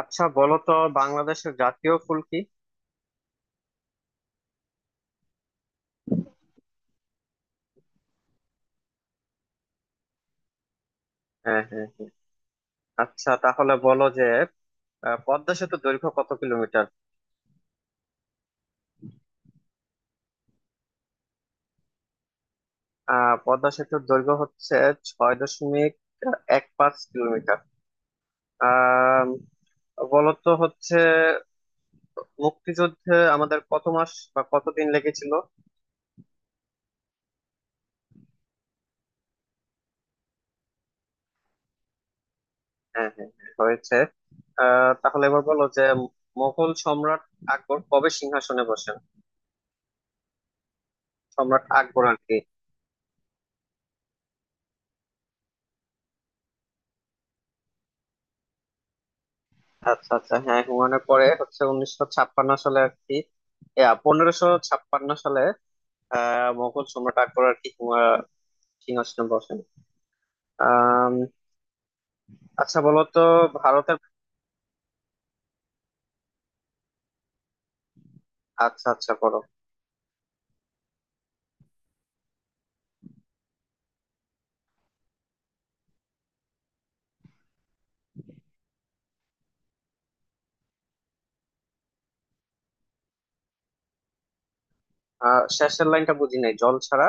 আচ্ছা, বলো তো বাংলাদেশের জাতীয় ফুল কি? হ্যাঁ, হ্যাঁ, হ্যাঁ। আচ্ছা, তাহলে বলো যে পদ্মা সেতুর দৈর্ঘ্য কত কিলোমিটার? পদ্মা সেতুর দৈর্ঘ্য হচ্ছে 6.15 কিলোমিটার। আহ বলো তো হচ্ছে, মুক্তিযুদ্ধে আমাদের কত মাস বা কতদিন লেগেছিল? হ্যাঁ, হ্যাঁ, হ্যাঁ, হয়েছে। তাহলে এবার বলো যে মোগল সম্রাট আকবর কবে সিংহাসনে বসেন? সম্রাট আকবর আর কি। আচ্ছা, আচ্ছা, হ্যাঁ, হুমায়ুনের পরে হচ্ছে 1956 সালে, আর কি 1556 সালে। মোগল সম্রাট আকবর আর কি সিংহাসনে বসেন। আম, আচ্ছা, বলো তো ভারতের। আচ্ছা, আচ্ছা, বলো। শেষের লাইনটা বুঝি নাই, জল ছাড়া।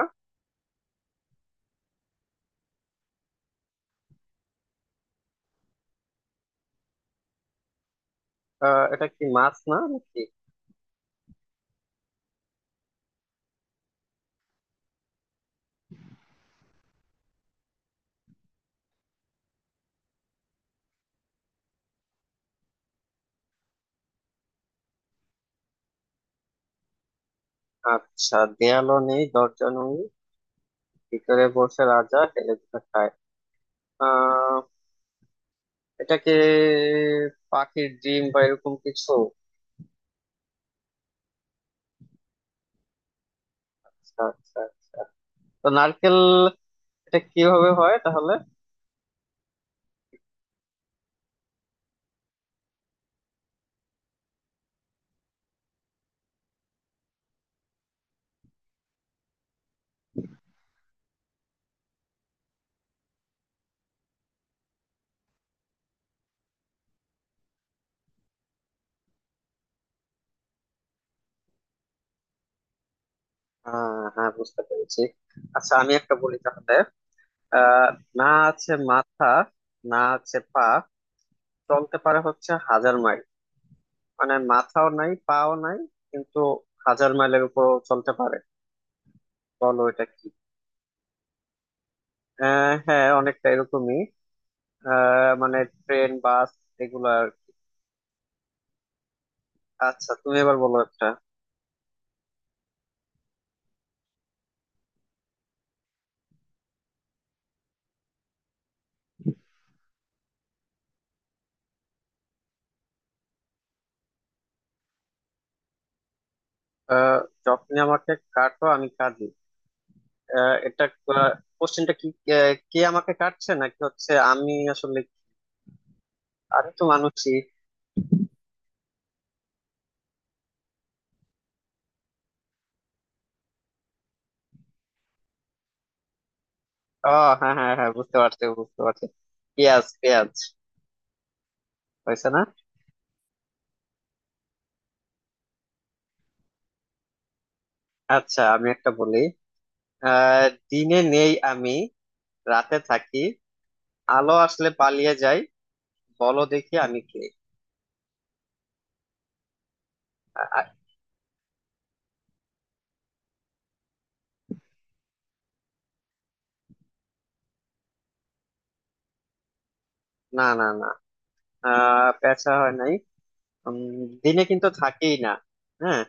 এটা কি মাছ না নাকি? আচ্ছা, দেয়ালও নেই, দরজা নেই, ভিতরে বসে রাজা হেলে দুলে খায়। আহ এটা কি পাখির ডিম বা এরকম কিছু? আচ্ছা, আচ্ছা, আচ্ছা। তো নারকেল। এটা কিভাবে হয় তাহলে? হ্যাঁ, বুঝতে পেরেছি। আচ্ছা, আমি একটা বলি তাহলে। আহ না আছে মাথা, না আছে পা, চলতে পারে হচ্ছে 1000 মাইল। মানে মাথাও নাই, পাও নাই, কিন্তু 1000 মাইলের উপর চলতে পারে। বলো এটা কি? হ্যাঁ, অনেকটা এরকমই। মানে ট্রেন, বাস, এগুলা আর কি। আচ্ছা, তুমি এবার বলো একটা। আহ যখনই আমাকে কাটো আমি কাঁদি। এটা কোশ্চেনটা কি? কে আমাকে কাটছে নাকি হচ্ছে আমি আসলে? আমি তো মানুষই। ও, হ্যাঁ, হ্যাঁ, হ্যাঁ, বুঝতে পারছি, বুঝতে পারছি। পেঁয়াজ, পেঁয়াজ। হয়েছে না? আচ্ছা, আমি একটা বলি। দিনে নেই আমি, রাতে থাকি, আলো আসলে পালিয়ে যাই। বলো দেখি আমি কে? আ- না, না, না। পেঁচা হয় নাই। উম, দিনে কিন্তু থাকেই না। হ্যাঁ।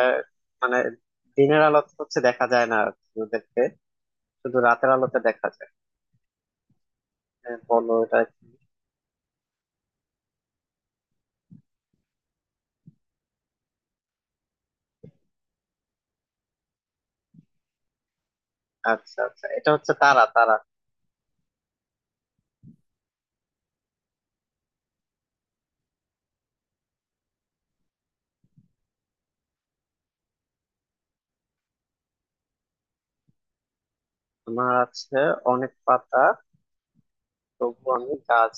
আহ, মানে দিনের আলো হচ্ছে দেখা যায় না ওদেরকে, শুধু রাতের আলোতে দেখা যায়। হ্যাঁ, বলো এটা। আচ্ছা, আচ্ছা, এটা হচ্ছে তারা তারা। তোমার আছে অনেক পাতা, তবু আমি গাছ।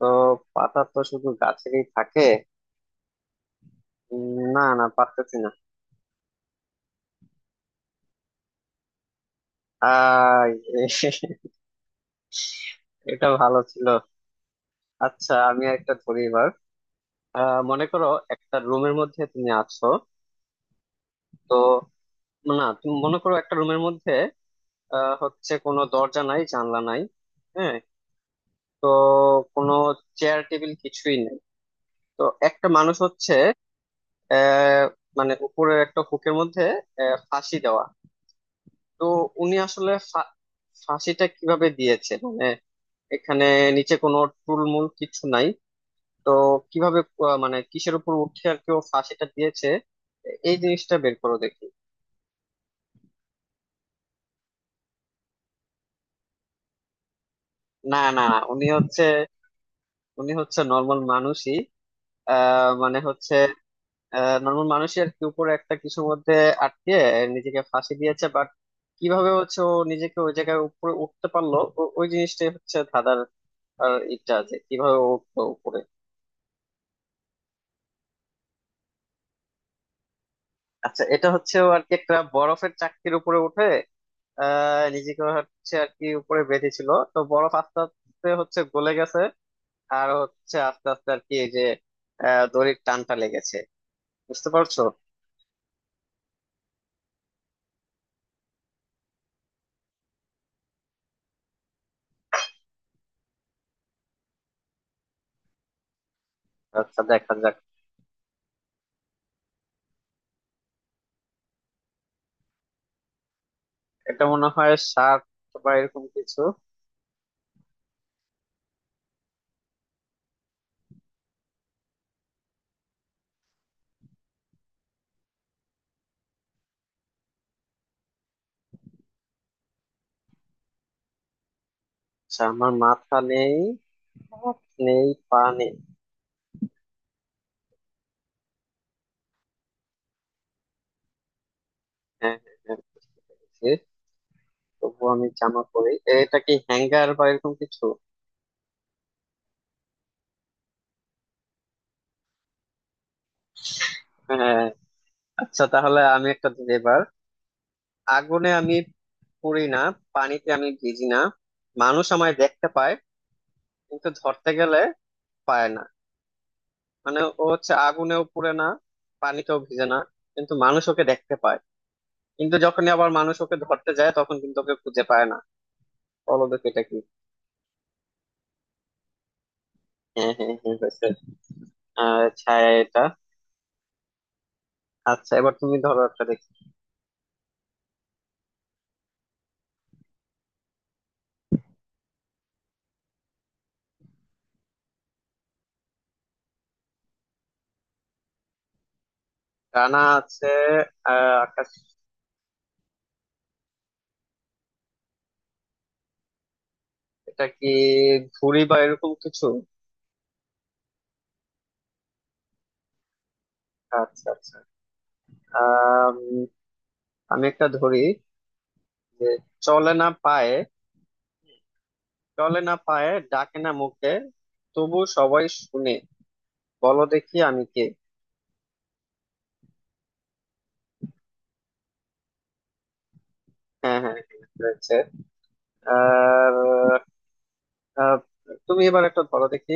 তো পাতা তো শুধু গাছেরই থাকে। না, না, পারতেছি না। আই, এটা ভালো ছিল। আচ্ছা, আমি একটা ধরি এবার। মনে করো একটা রুমের মধ্যে তুমি আছো। তো না, তুমি মনে করো একটা রুমের মধ্যে, হচ্ছে কোনো দরজা নাই, জানলা নাই। হ্যাঁ। তো কোনো চেয়ার, টেবিল কিছুই নেই। তো একটা মানুষ হচ্ছে, আহ মানে উপরে একটা হুকের মধ্যে, ফাঁসি দেওয়া। তো উনি আসলে ফাঁসিটা কিভাবে দিয়েছে মানে? এখানে নিচে কোনো টুলমুল কিছু নাই। তো কিভাবে, মানে কিসের উপর উঠে আর কেউ ফাঁসিটা দিয়েছে? এই জিনিসটা বের করো দেখি। না, না, না, উনি হচ্ছে নর্মাল মানুষই। মানে হচ্ছে নর্মাল মানুষই আর কি, উপরে একটা কিছুর মধ্যে আটকে নিজেকে ফাঁসি দিয়েছে, বাট কিভাবে হচ্ছে ও নিজেকে ওই জায়গায় উপরে উঠতে পারলো, ওই জিনিসটাই হচ্ছে ধাঁধার। আর ইটা আছে কিভাবে ও উঠলো উপরে। আচ্ছা, এটা হচ্ছে ও আর কি একটা বরফের চাকতির উপরে উঠে নিজেকে হচ্ছে আর কি উপরে বেঁধেছিল, তো বরফ আস্তে আস্তে হচ্ছে গলে গেছে, আর হচ্ছে আস্তে আস্তে আর কি এই যে দড়ির টানটা লেগেছে। বুঝতে পারছো? আচ্ছা, দেখা যাক। এটা মনে হয় সাপ বা এরকম কিছু। আচ্ছা, আমার মাথা নেই, হাত নেই, পা নেই। হ্যাঁ, হ্যাঁ, হ্যাঁ, বুঝছি। তবুও আমি জামা পরি, এটা কি হ্যাঙ্গার বা এরকম কিছু? হ্যাঁ। আচ্ছা, তাহলে আমি একটা দিই এবার। আগুনে আমি পড়ি না, পানিতে আমি ভিজি না, মানুষ আমায় দেখতে পায়, কিন্তু ধরতে গেলে পায় না। মানে ও হচ্ছে আগুনেও পুড়ে না, পানিতেও ভিজে না, কিন্তু মানুষ ওকে দেখতে পায়, কিন্তু যখনই আবার মানুষ ওকে ধরতে যায় তখন কিন্তু ওকে খুঁজে পায় না। বলো দেখি এটা কি? হ্যাঁ, হ্যাঁ, হ্যাঁ, হয়েছে। ছায়া এটা। আচ্ছা, এবার তুমি ধরো একটা দেখি। ডানা আছে, আকাশ। এটা কি ঘুড়ি বা এরকম কিছু? আচ্ছা, আচ্ছা। আহ আমি একটা ধরি যে, চলে না পায়ে চলে না পায়ে, ডাকে না মুখে, তবু সবাই শুনে। বলো দেখি আমি কে? হ্যাঁ, হ্যাঁ, হ্যাঁ, হয়েছে। আর আহ, তুমি এবার একটা বলো দেখি।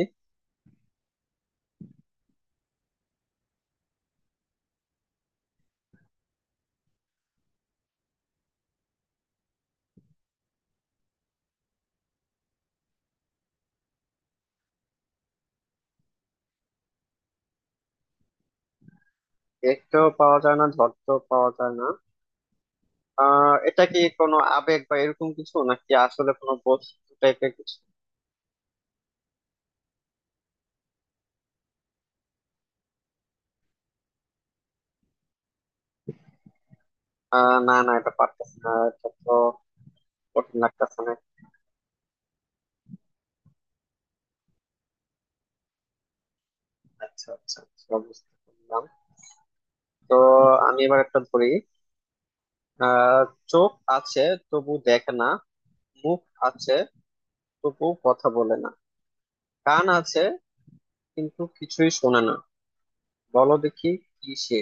দেখতেও পাওয়া যায় না, ধরতেও পাওয়া যায় না। এটা কি কোনো আবেগ বা এরকম কিছু নাকি আসলে কোনো বস্তু টাইপের কিছু? না, না, এটা পারতেছে না। এটা তো কঠিন লাগতেছে না? আচ্ছা, আচ্ছা, আচ্ছা, বুঝতে পারলাম। তো আমি এবার একটা ধরি। আহ চোখ আছে তবু দেখে না, মুখ আছে তবু কথা বলে না, কান আছে কিন্তু কিছুই শোনে না। বলো দেখি কি সে?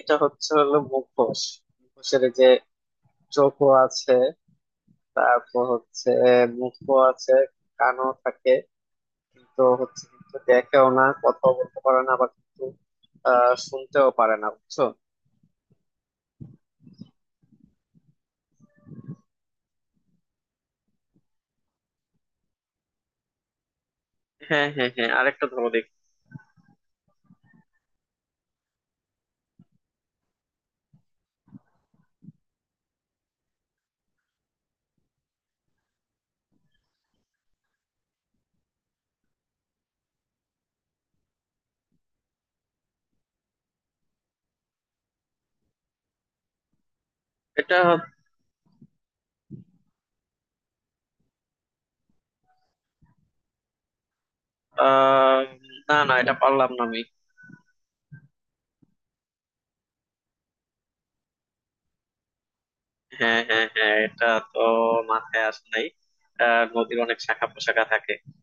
এটা হচ্ছে হলো মুখোশ। মুখোশের এই যে চোখও আছে, তারপর হচ্ছে মুখও আছে, কানও থাকে, কিন্তু হচ্ছে, কিন্তু দেখেও না, কথাও বলতে পারে না, আবার কিন্তু শুনতেও পারে না। বুঝছো? হ্যাঁ, হ্যাঁ, হ্যাঁ, আরেকটা ধরো দেখি। এটা আহ না, না, এটা পারলাম না আমি। হ্যাঁ, হ্যাঁ, হ্যাঁ, এটা তো মাথায় আসে নাই। নদীর অনেক শাখা প্রশাখা থাকে।